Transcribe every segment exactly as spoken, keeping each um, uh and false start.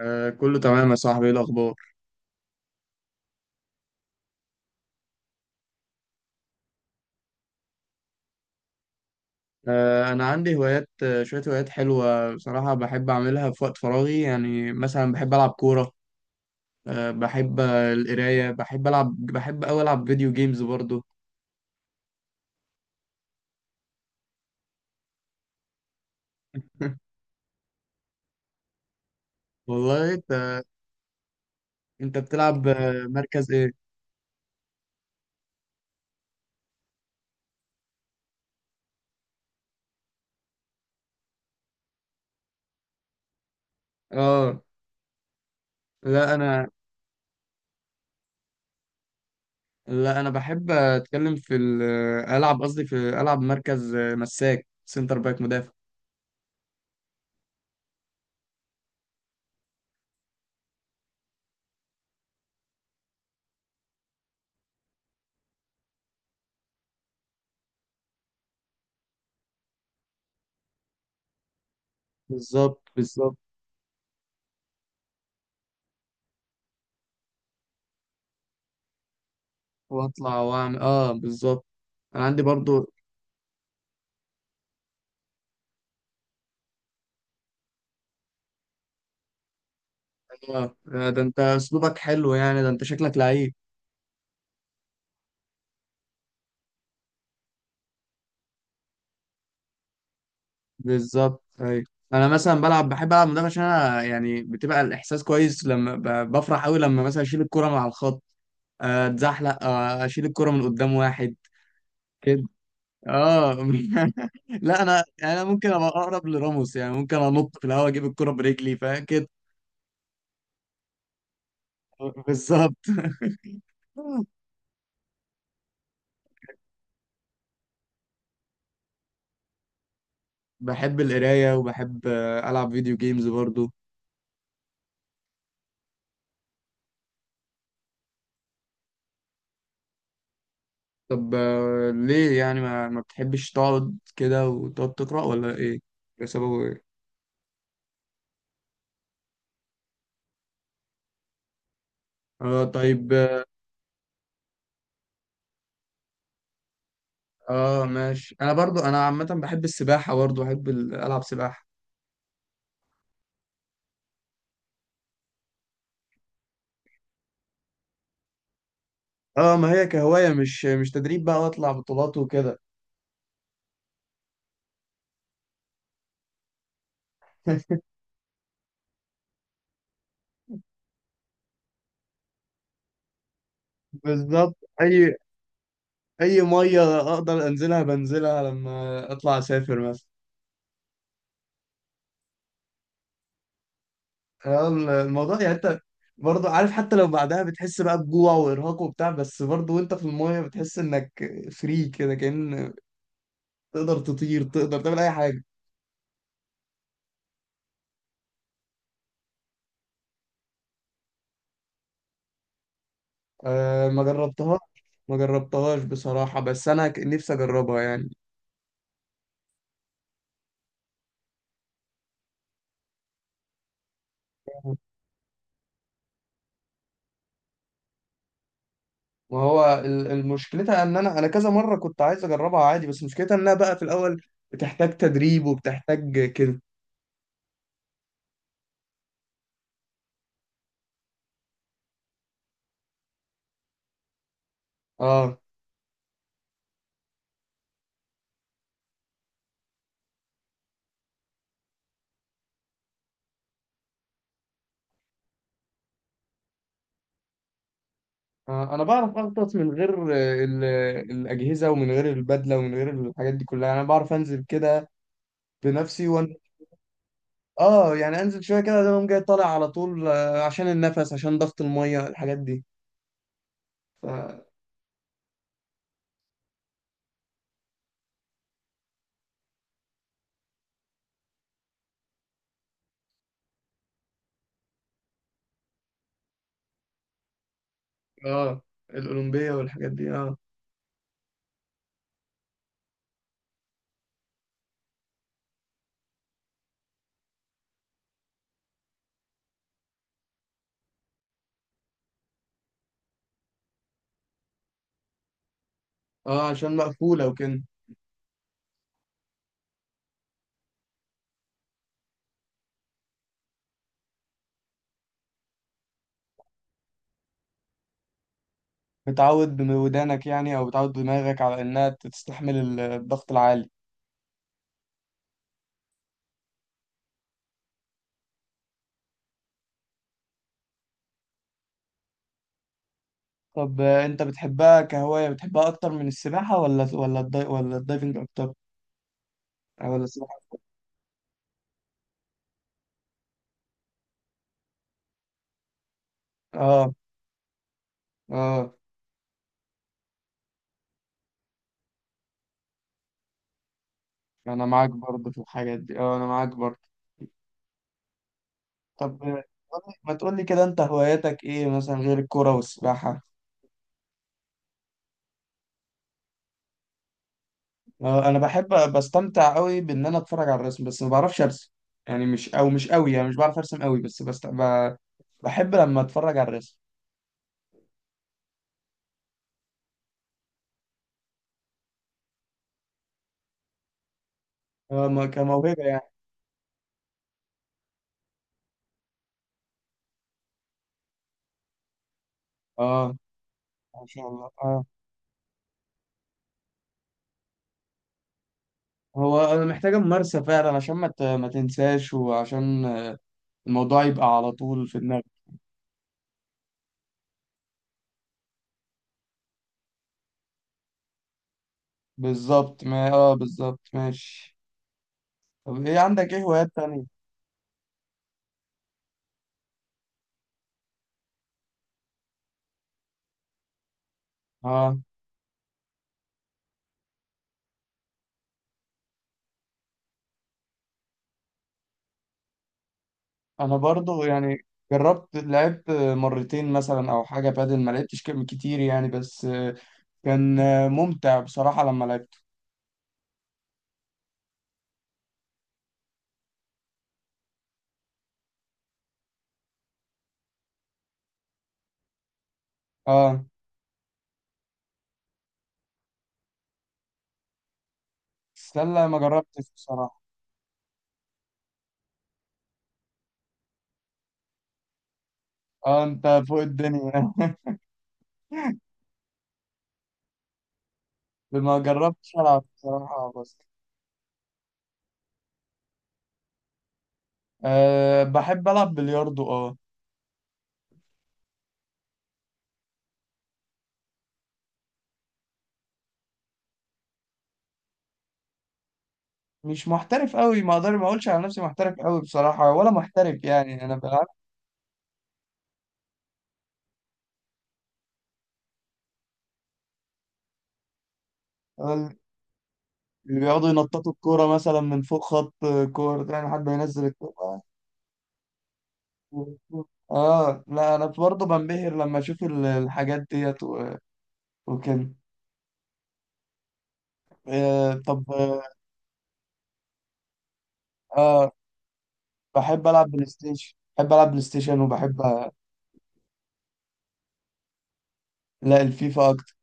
آه كله تمام يا صاحبي، ايه الاخبار؟ آه انا عندي هوايات، آه شويه هوايات حلوه بصراحه، بحب اعملها في وقت فراغي، يعني مثلا بحب العب كوره. آه بحب آه، القرايه، بحب العب بحب اوي العب فيديو جيمز برضو. والله انت، انت بتلعب آه، مركز ايه؟ اه، لا انا لا انا بحب اتكلم في ال- العب قصدي في العب مركز، آه، مساك سنتر باك مدافع. بالظبط، بالظبط. واطلع واعمل، اه، بالظبط. انا عندي برضو. اه، ده انت اسلوبك حلو يعني، ده انت شكلك لعيب. بالظبط، ايوه. انا مثلا بلعب بحب العب مدافع عشان انا يعني بتبقى الاحساس كويس، لما ب- بفرح قوي لما مثلا اشيل الكرة مع الخط، آه، اتزحلق، آه، اشيل الكرة من قدام واحد كده، اه. لا انا يعني انا ممكن ابقى اقرب لراموس، يعني ممكن انط في الهواء اجيب الكرة برجلي، فاهم كده؟ بالظبط. بحب القراية وبحب آه، العب فيديو جيمز برضو. طب، آه، ليه يعني ما, ما بتحبش تقعد كده وتقعد تقرأ ولا ايه؟ ده سببه ايه؟ اه، طيب، اه. آه، ماشي، انا برضو انا عامة بحب السباحة، برضو بحب ال- العب سباحة. اه، ما هي كهواية، مش مش تدريب بقى واطلع بطولات وكده. بالظبط. اي اي مية اقدر انزلها بنزلها، لما اطلع اسافر مثلا. اه. الموضوع يعني، انت برضو عارف، حتى لو بعدها بتحس بقى بجوع وارهاق وبتاع، بس برضو وانت في المية بتحس انك فري، كده كأن تقدر تطير، تقدر تعمل اي حاجه. أه، ما جربتهاش. ما جربتهاش بصراحه، بس انا ك- نفسي اجربها يعني. وهو ال- المشكلتها ان انا انا كذا مره كنت عايز اجربها عادي، بس مشكلتها انها بقى في الاول بتحتاج تدريب وبتحتاج كده. اه. آه، انا بعرف اغطس من غير آه، ال- الاجهزه ومن غير البدله ومن غير الحاجات دي كلها، انا بعرف انزل كده بنفسي وان. اه، يعني انزل شويه كده، اقوم جاي طالع على طول، آه، عشان النفس، عشان ضغط الميه، الحاجات دي. اه. الأولمبية والحاجات دي، اه. اه، عشان مقفولة وكده. بتعود بودانك يعني، أو بتعود دماغك على إنها تستحمل ال- الضغط العالي. طب، آه، أنت بتحبها كهواية؟ بتحبها أكتر من السباحة، ولا ولا الداي ولا الدايفنج أكتر؟ آه، ولا السباحة؟ اه، اه. أنا معاك برضه في الحاجات دي، اه، أنا معاك برضه. طب، آه، قولي- ما تقولي كده، أنت هواياتك إيه مثلا غير الكورة والسباحة؟ آه، انا بحب بستمتع قوي بان انا اتفرج على الرسم، بس ما بعرفش ارسم. يعني مش او مش قوي، يعني مش بعرف ارسم قوي، بس بست... ب... بحب لما اتفرج على الرسم. آه، ما- كموهبه يعني. اه، ما شاء الله، اه. هو انا محتاجه ممارسه فعلا، عشان ما ت... ما تنساش، وعشان الموضوع يبقى على طول في دماغك. بالظبط، ما اه بالظبط، ماشي. طب، ايه عندك ايه هوايات تانية؟ اه، انا برضو يعني، جربت لعبت مرتين مثلا او حاجه بادل، ما لعبتش كم- كتير يعني، بس كان آه، ممتع بصراحة لما لعبته. اه. السلة ما جربتش بصراحة. اه، انت فوق الدنيا. ما جربتش العب بصراحة، بس. أه، بحب العب بلياردو، اه. مش محترف قوي، ما اقدر ما اقولش على نفسي محترف قوي بصراحة، ولا محترف، يعني انا بلعب. اللي بيقعدوا ينططوا الكورة مثلا من فوق خط كورة ده، يعني حد ينزل الكورة. اه، لا انا برضه بنبهر لما اشوف ال- الحاجات ديت، و- وكده. آه طب، اه. بحب العب بلاي ستيشن بحب العب بلاي ستيشن، وبحب أ- لا، الفيفا اكتر.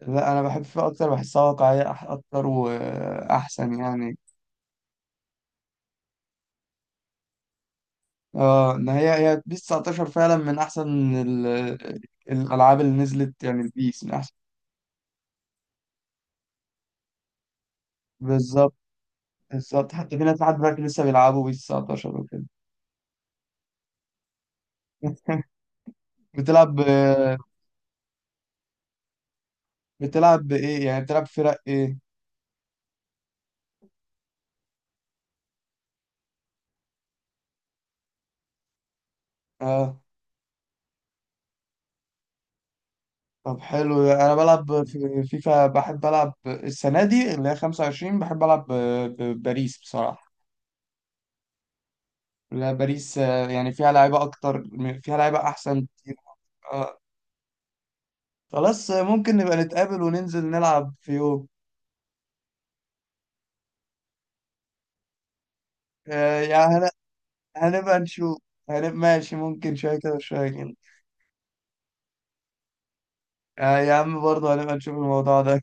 لا، انا بحب الفيفا اكتر، بحسها واقعيه أح- اكتر واحسن يعني. اه، ان هي هي بيس تسعتاشر فعلا من احسن ال- الالعاب اللي نزلت، يعني البيس من احسن. بالظبط، بالظبط. حتى في ناس لحد دلوقتي لسه بيلعبوا بيس تسعتاشر وكده. بتلعب ب- بتلعب بايه، يعني بتلعب فرق ايه؟ اه. طب حلو. انا بلعب في فيفا، بحب العب السنه دي اللي هي خمسة وعشرين. بحب العب ب- ب- باريس بصراحه. لا، باريس، آه، يعني فيها لعيبه اكتر م- فيها لعيبه احسن كتير. آه، خلاص، آه، ممكن نبقى نتقابل وننزل نلعب في يوم. آه، يعني هن- هنبقى نشوف، هنبقى ماشي، ممكن شويه كده وشويه كده. آه، يا عم، برضه هنبقى نشوف الموضوع ده.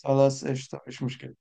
خلاص، قشطه، مش مشكله.